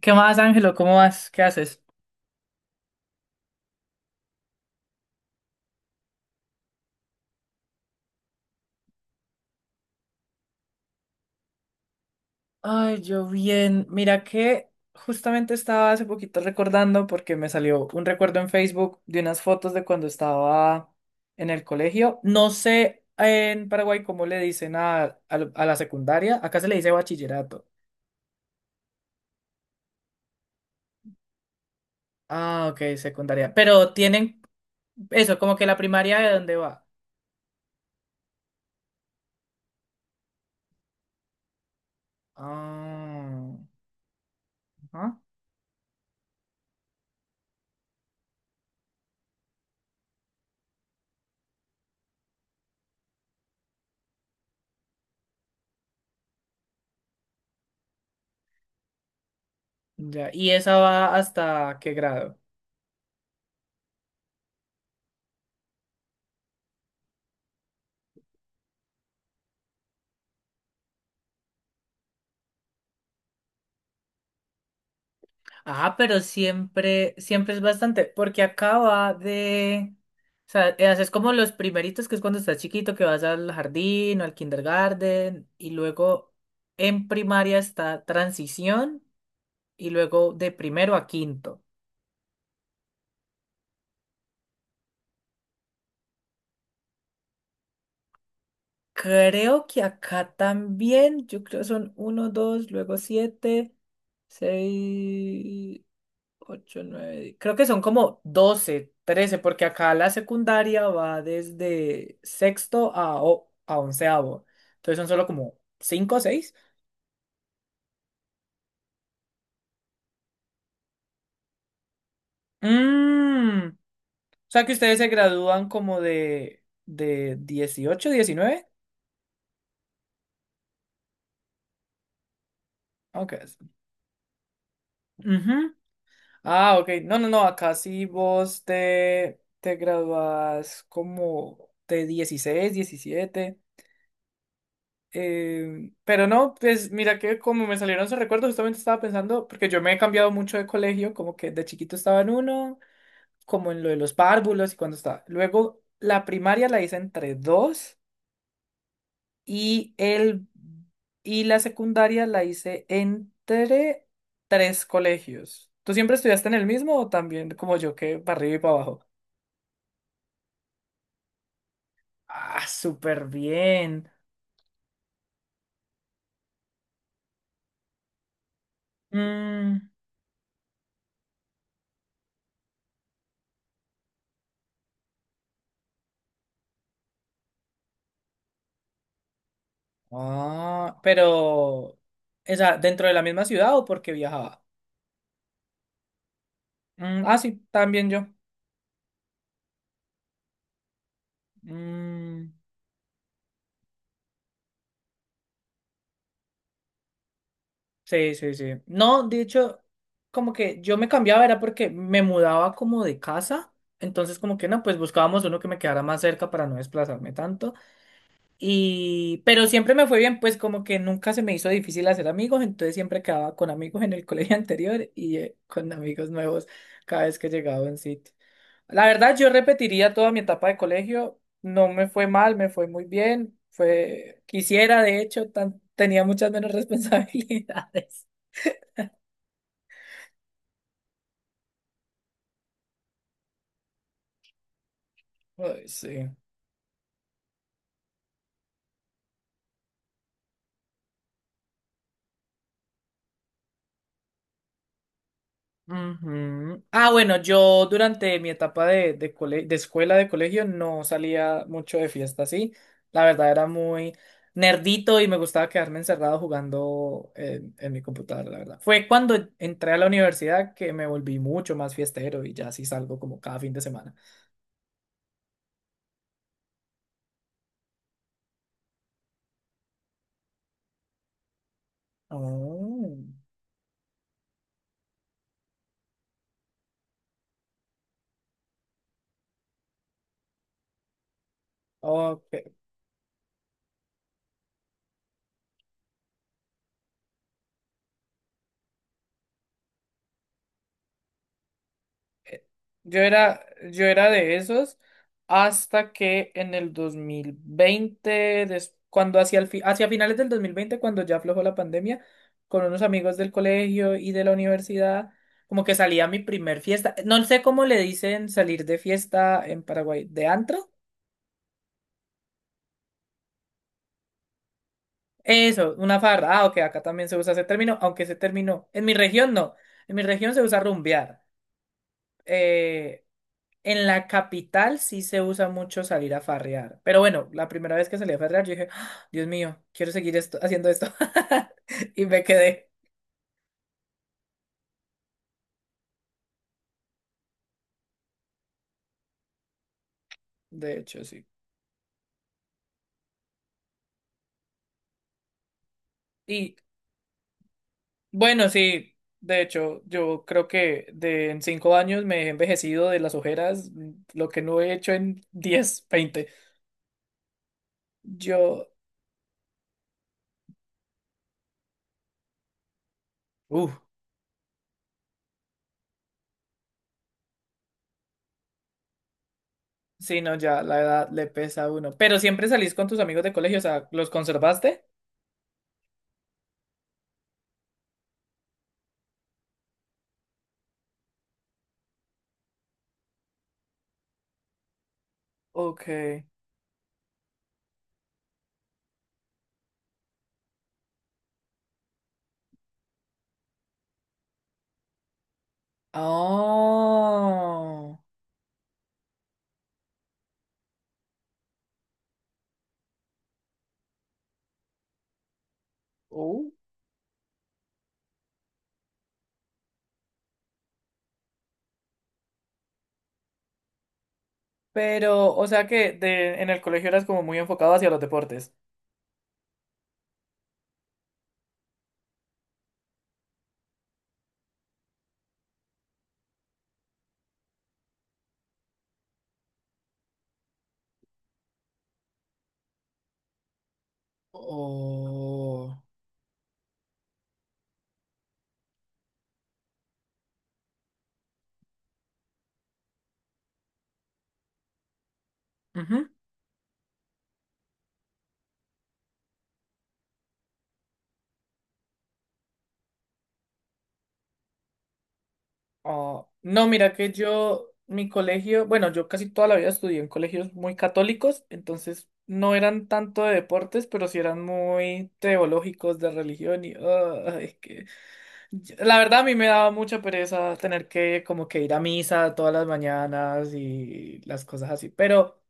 ¿Qué más, Ángelo? ¿Cómo vas? ¿Qué haces? Ay, yo bien. Mira que justamente estaba hace poquito recordando porque me salió un recuerdo en Facebook de unas fotos de cuando estaba en el colegio. No sé en Paraguay cómo le dicen a la secundaria. Acá se le dice bachillerato. Ah, ok, secundaria. Pero tienen eso, como que la primaria de dónde va. Ah, ajá. Ya. ¿Y esa va hasta qué grado? Ah, pero siempre, siempre es bastante, porque acaba de, o sea, haces como los primeritos, que es cuando estás chiquito, que vas al jardín o al kindergarten, y luego en primaria está transición, y luego de primero a quinto. Creo que acá también, yo creo son uno, dos, luego siete, seis. Ocho 9 creo que son como 12 13 porque acá la secundaria va desde sexto a, a onceavo. Entonces son solo como cinco o 6. Mm, o sea que ustedes se gradúan como de 18 19. Ah, ok. Ujú. Ah, ok. No, no, no. Acá sí vos te, te gradúas como de 16 17. Pero no, pues mira que como me salieron esos recuerdos, justamente estaba pensando, porque yo me he cambiado mucho de colegio, como que de chiquito estaba en uno, como en lo de los párvulos y cuando estaba. Luego la primaria la hice entre dos y el y la secundaria la hice entre tres colegios. ¿Tú siempre estudiaste en el mismo o también como yo que para arriba y para abajo? Ah, súper bien. Mm. Ah, pero, esa, ¿dentro de la misma ciudad o porque viajaba? Mm, ah, sí, también yo. Mm, sí, sí, sí. No, de hecho, como que yo me cambiaba era porque me mudaba como de casa. Entonces, como que no, pues buscábamos uno que me quedara más cerca para no desplazarme tanto. Y, pero siempre me fue bien, pues como que nunca se me hizo difícil hacer amigos. Entonces siempre quedaba con amigos en el colegio anterior y con amigos nuevos cada vez que llegaba a un sitio. La verdad, yo repetiría toda mi etapa de colegio. No me fue mal, me fue muy bien. Fue, quisiera, de hecho, tenía muchas menos responsabilidades. Ay, sí. Ujú. Ah, bueno, yo durante mi etapa de, de escuela, de colegio, no salía mucho de fiesta, sí. La verdad era muy nerdito y me gustaba quedarme encerrado jugando en mi computadora, la verdad. Fue cuando entré a la universidad que me volví mucho más fiestero y ya sí salgo como cada fin de semana. Oh, ok. Yo era, yo era de esos hasta que en el 2020, cuando hacia, el hacia finales del 2020 cuando ya aflojó la pandemia, con unos amigos del colegio y de la universidad, como que salía mi primer fiesta. No sé cómo le dicen salir de fiesta en Paraguay, ¿de antro? Eso, una farra. Ah, ok, acá también se usa ese término, aunque ese término, en mi región no. En mi región se usa rumbear. Eh, En la capital sí se usa mucho salir a farrear. Pero bueno, la primera vez que salí a farrear, yo dije, "Ah, Dios mío, quiero seguir esto, haciendo esto." Y me quedé. De hecho, sí. Y bueno, sí, de hecho, yo creo que de en 5 años me he envejecido de las ojeras, lo que no he hecho en 10 20. Yo, uff, sí, no, ya la edad le pesa a uno. Pero siempre salís con tus amigos de colegio, o sea, ¿los conservaste? Ok. Oh. Oh. Pero, o sea que de, en el colegio eras como muy enfocado hacia los deportes. O... Ujú. Oh, no, mira que yo, mi colegio, bueno, yo casi toda la vida estudié en colegios muy católicos, entonces no eran tanto de deportes, pero sí eran muy teológicos de religión y ah, es que La verdad, a mí me daba mucha pereza tener que como que ir a misa todas las mañanas y las cosas así,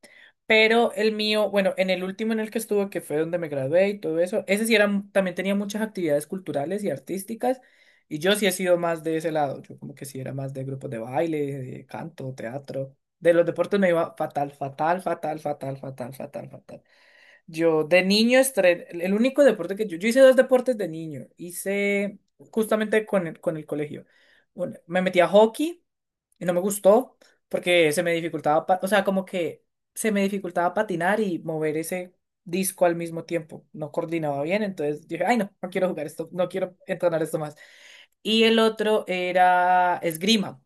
pero el mío, bueno, en el último en el que estuve, que fue donde me gradué y todo eso, ese sí era, también tenía muchas actividades culturales y artísticas, y yo sí he sido más de ese lado, yo como que sí era más de grupos de baile, de canto, teatro, de los deportes me iba fatal, fatal, fatal, fatal, fatal, fatal, fatal. Yo de niño el único deporte que yo hice dos deportes de niño, hice justamente con el colegio. Bueno, me metí a hockey y no me gustó porque se me dificultaba, o sea, como que se me dificultaba patinar y mover ese disco al mismo tiempo, no coordinaba bien, entonces dije, ay no, no quiero jugar esto, no quiero entrenar esto más. Y el otro era esgrima.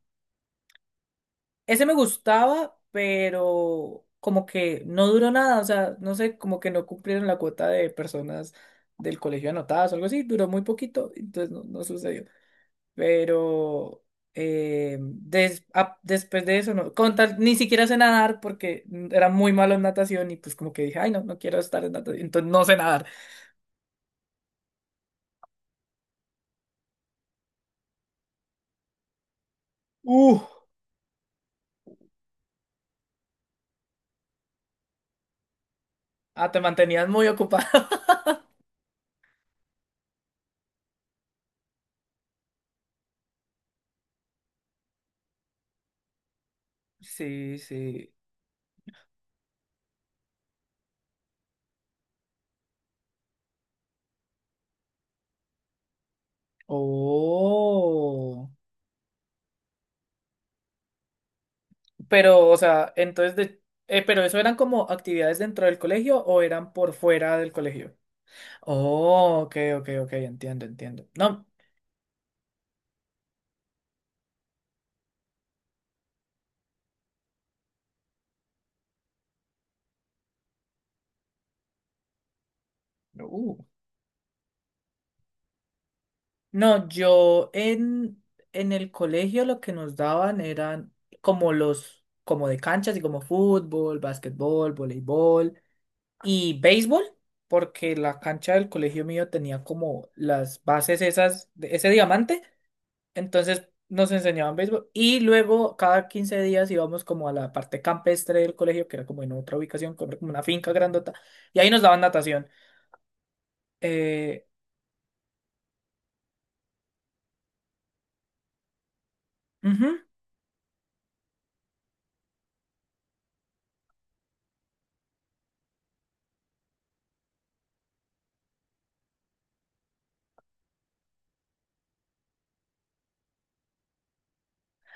Ese me gustaba, pero como que no duró nada, o sea, no sé, como que no cumplieron la cuota de personas del colegio anotadas o algo así, duró muy poquito, entonces no, no sucedió. Pero después de eso, no, ni siquiera sé nadar porque era muy malo en natación y pues como que dije, ay, no, no quiero estar en natación, entonces no sé nadar. Uh, ah, te mantenías muy ocupado. Sí, sí. Oh. Pero, o sea, entonces de... pero eso eran como actividades dentro del colegio o eran por fuera del colegio. Oh, ok, ok, ok, entiendo, entiendo. No, uh, no, yo en el colegio lo que nos daban eran como los, como de canchas y como fútbol, básquetbol, voleibol y béisbol, porque la cancha del colegio mío tenía como las bases esas, de ese diamante. Entonces nos enseñaban béisbol y luego cada 15 días íbamos como a la parte campestre del colegio, que era como en otra ubicación, como como una finca grandota, y ahí nos daban natación. Eh, Ujú.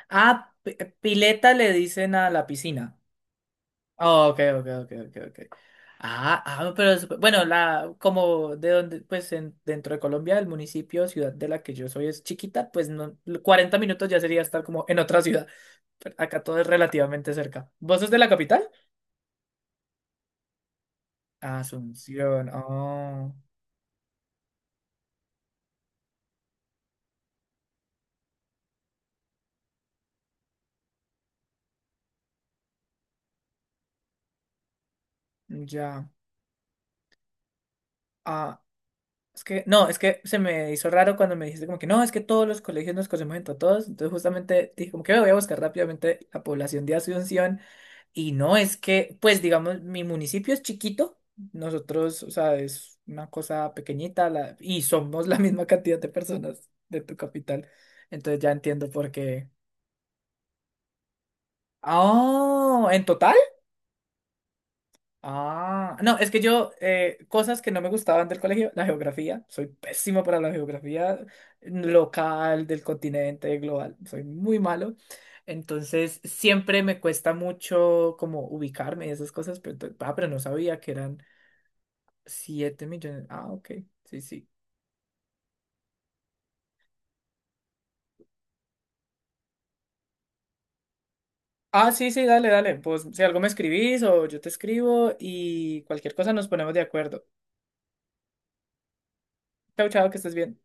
Ah, pileta le dicen a la piscina. Ah, ok, ok, ok, ok, ok. Ah, ah, no, pero bueno, la, como de donde, pues en, dentro de Colombia, el municipio, ciudad de la que yo soy es chiquita, pues no, 40 minutos ya sería estar como en otra ciudad. Pero acá todo es relativamente cerca. ¿Vos sos de la capital? Asunción, oh, ya. Ah, es que, no, es que se me hizo raro cuando me dijiste como que no, es que todos los colegios nos conocemos entre todos. Entonces justamente dije como que "Ve, voy a buscar rápidamente la población de Asunción." Y no, es que, pues digamos, mi municipio es chiquito. Nosotros, o sea, es una cosa pequeñita y somos la misma cantidad de personas de tu capital. Entonces ya entiendo por qué. Oh, en total. Ah, no, es que yo, cosas que no me gustaban del colegio, la geografía, soy pésimo para la geografía local, del continente, global, soy muy malo. Entonces, siempre me cuesta mucho como ubicarme y esas cosas, pero, pero no sabía que eran 7 millones. Ah, ok, sí, sí. Ah, sí, sí, dale, dale. Pues si algo me escribís o yo te escribo y cualquier cosa nos ponemos de acuerdo. Chao, chao, que estés bien.